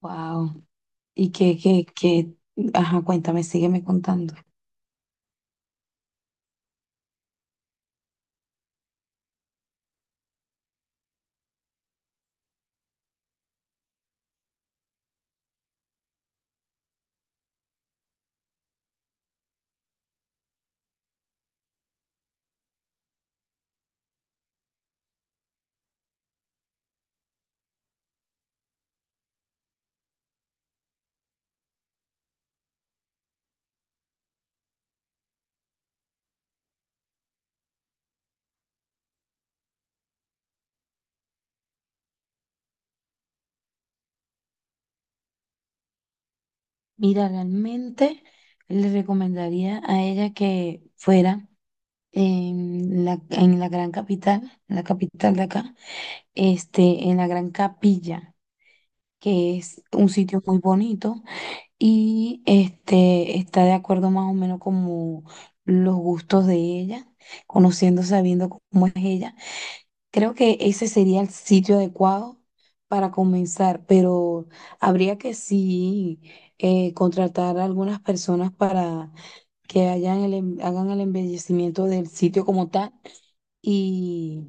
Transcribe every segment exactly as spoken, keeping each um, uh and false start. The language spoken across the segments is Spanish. Wow. Y que, que, que, ajá, cuéntame, sígueme contando. Mira, realmente le recomendaría a ella que fuera en la, en la gran capital, la capital de acá, este, en la Gran Capilla, que es un sitio muy bonito y este, está de acuerdo más o menos como los gustos de ella, conociendo, sabiendo cómo es ella. Creo que ese sería el sitio adecuado para comenzar, pero habría que sí eh, contratar a algunas personas para que hayan el em- hagan el embellecimiento del sitio como tal. Y,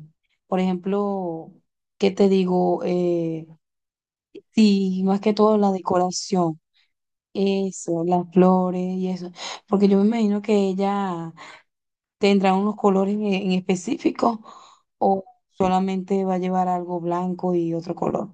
por ejemplo, ¿qué te digo? Eh, sí, más que todo la decoración, eso, las flores y eso, porque yo me imagino que ella. ¿Tendrá unos colores en en específico o solamente va a llevar algo blanco y otro color?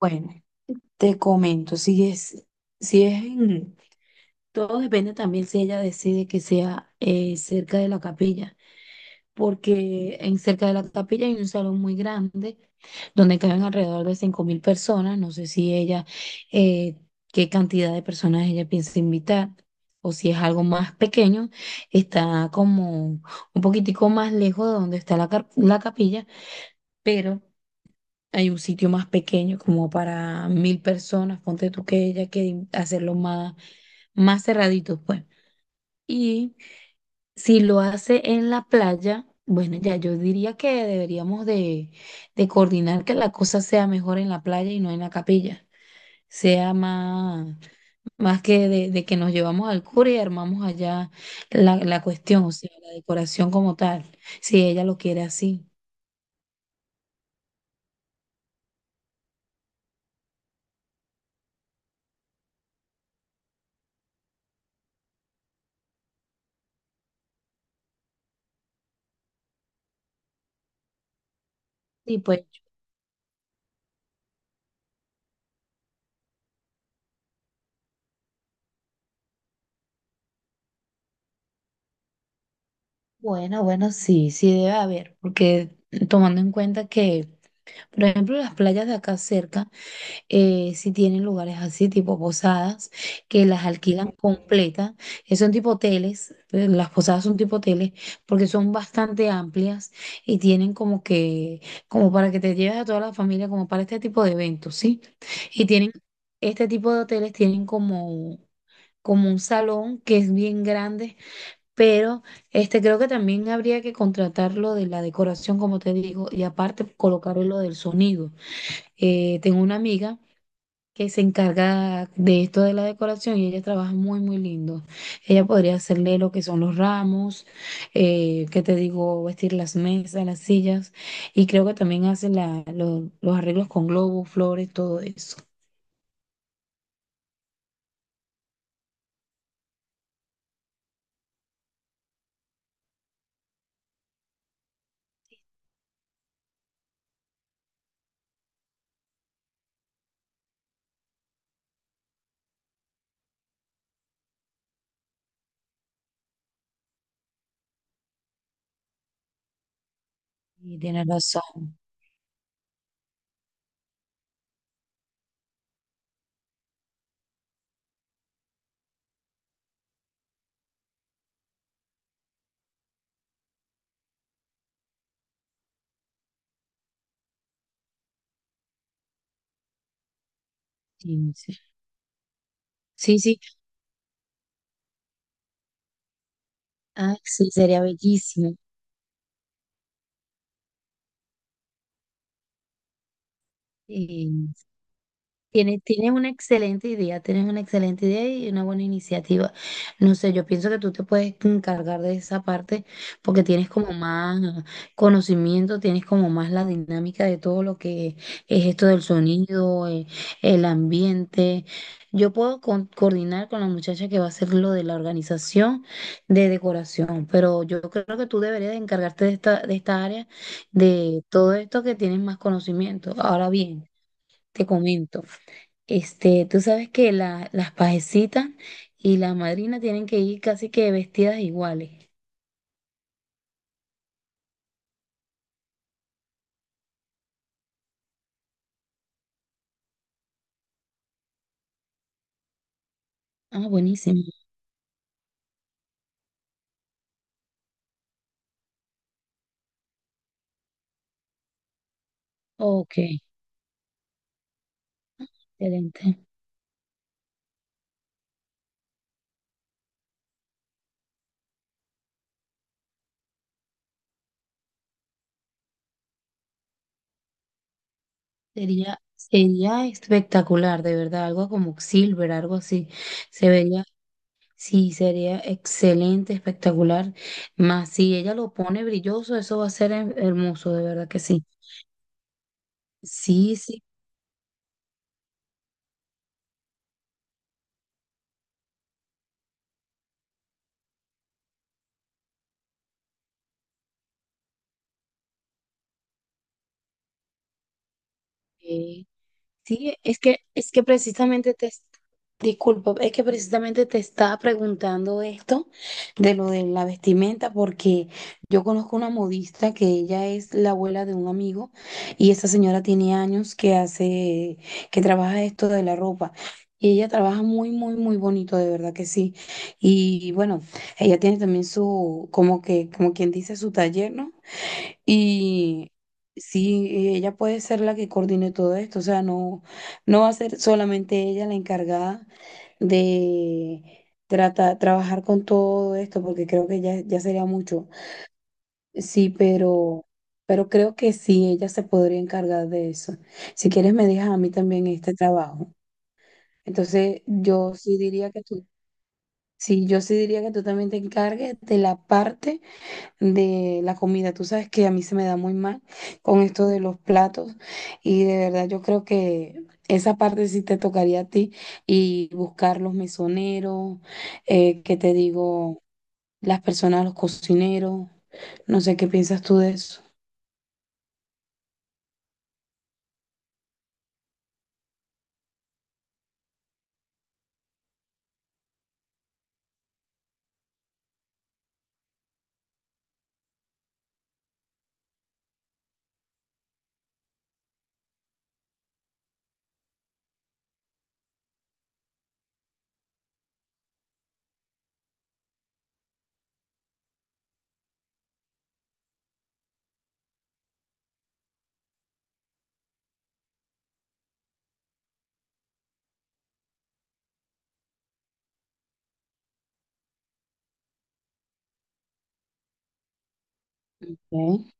Bueno, te comento, si es, si es en- todo depende también si ella decide que sea eh, cerca de la capilla, porque en cerca de la capilla hay un salón muy grande donde caben alrededor de cinco mil personas. No sé si ella, eh, qué cantidad de personas ella piensa invitar o si es algo más pequeño. Está como un poquitico más lejos de donde está la, cap- la capilla, pero hay un sitio más pequeño como para mil personas. Ponte tú que ella quiere hacerlo más, más cerradito, pues. Y si lo hace en la playa, bueno, ya yo diría que deberíamos de, de coordinar que la cosa sea mejor en la playa y no en la capilla. Sea más, más que de, de que nos llevamos al cura y armamos allá la, la cuestión, o sea, la decoración como tal, si ella lo quiere así. Y pues, bueno, bueno, sí, sí debe haber, porque tomando en cuenta que, por ejemplo, las playas de acá cerca, eh, si tienen lugares así, tipo posadas, que las alquilan completas, que son tipo hoteles, eh, las posadas son tipo hoteles, porque son bastante amplias y tienen como que, como para que te lleves a toda la familia, como para este tipo de eventos, ¿sí? Y tienen, este tipo de hoteles tienen como, como un salón que es bien grande, pero este creo que también habría que contratar lo de la decoración, como te digo, y aparte colocar lo del sonido. Eh, tengo una amiga que se encarga de esto de la decoración y ella trabaja muy, muy lindo. Ella podría hacerle lo que son los ramos, eh, que te digo, vestir las mesas, las sillas, y creo que también hace la, lo- los arreglos con globos, flores, todo eso. Y tiene razón. Sí, sí. Sí, sí. Ah, sí, sería bellísimo. Tienes, tienes una excelente idea, tienes una excelente idea y una buena iniciativa. No sé, yo pienso que tú te puedes encargar de esa parte porque tienes como más conocimiento, tienes como más la dinámica de todo lo que es esto del sonido, eh, el ambiente. Yo puedo con- coordinar con la muchacha que va a hacer lo de la organización de decoración, pero yo creo que tú deberías de encargarte de esta, de esta área, de todo esto que tienes más conocimiento. Ahora bien, te comento. Este, tú sabes que la- las pajecitas y la madrina tienen que ir casi que vestidas iguales. Ah, buenísimo. Ok, excelente. Sería, sería espectacular, de verdad, algo como silver, algo así. Se vería, sí, sería excelente, espectacular. Más si ella lo pone brilloso, eso va a ser her- hermoso, de verdad que sí. Sí, sí. eh, Sí, es que, es que precisamente te, disculpa, es que precisamente te estaba preguntando esto de lo de la vestimenta, porque yo conozco una modista que ella es la abuela de un amigo y esa señora tiene años que hace, que trabaja esto de la ropa. Y ella trabaja muy, muy, muy bonito, de verdad que sí. Y bueno, ella tiene también su, como que, como quien dice, su taller, ¿no? Y sí, ella puede ser la que coordine todo esto, o sea, no, no va a ser solamente ella la encargada de trata- trabajar con todo esto, porque creo que ya, ya sería mucho. Sí, pero, pero creo que sí, ella se podría encargar de eso. Si quieres, me dejas a mí también este trabajo. Entonces, yo sí diría que tú, sí, yo sí diría que tú también te encargues de la parte de la comida. Tú sabes que a mí se me da muy mal con esto de los platos y de verdad yo creo que esa parte sí te tocaría a ti y buscar los mesoneros, eh, que te digo, las personas, los cocineros, no sé qué piensas tú de eso. Ok.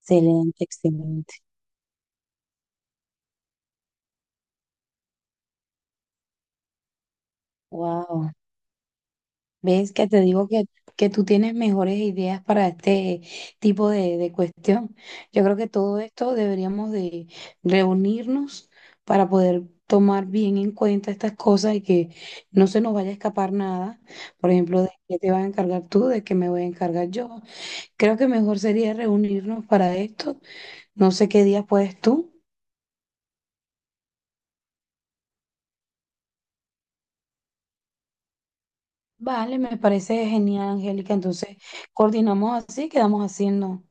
Excelente, excelente. Wow. ¿Ves que te digo que, que tú tienes mejores ideas para este tipo de, de cuestión? Yo creo que todo esto deberíamos de reunirnos para poder tomar bien en cuenta estas cosas y que no se nos vaya a escapar nada. Por ejemplo, de qué te vas a encargar tú, de qué me voy a encargar yo. Creo que mejor sería reunirnos para esto. No sé qué día puedes tú. Vale, me parece genial, Angélica. Entonces, coordinamos así, quedamos haciendo.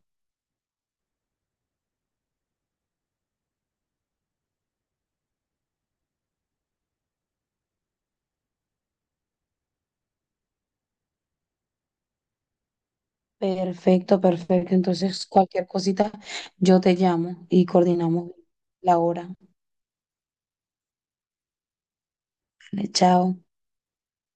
Perfecto, perfecto. Entonces, cualquier cosita, yo te llamo y coordinamos la hora. Vale, chao.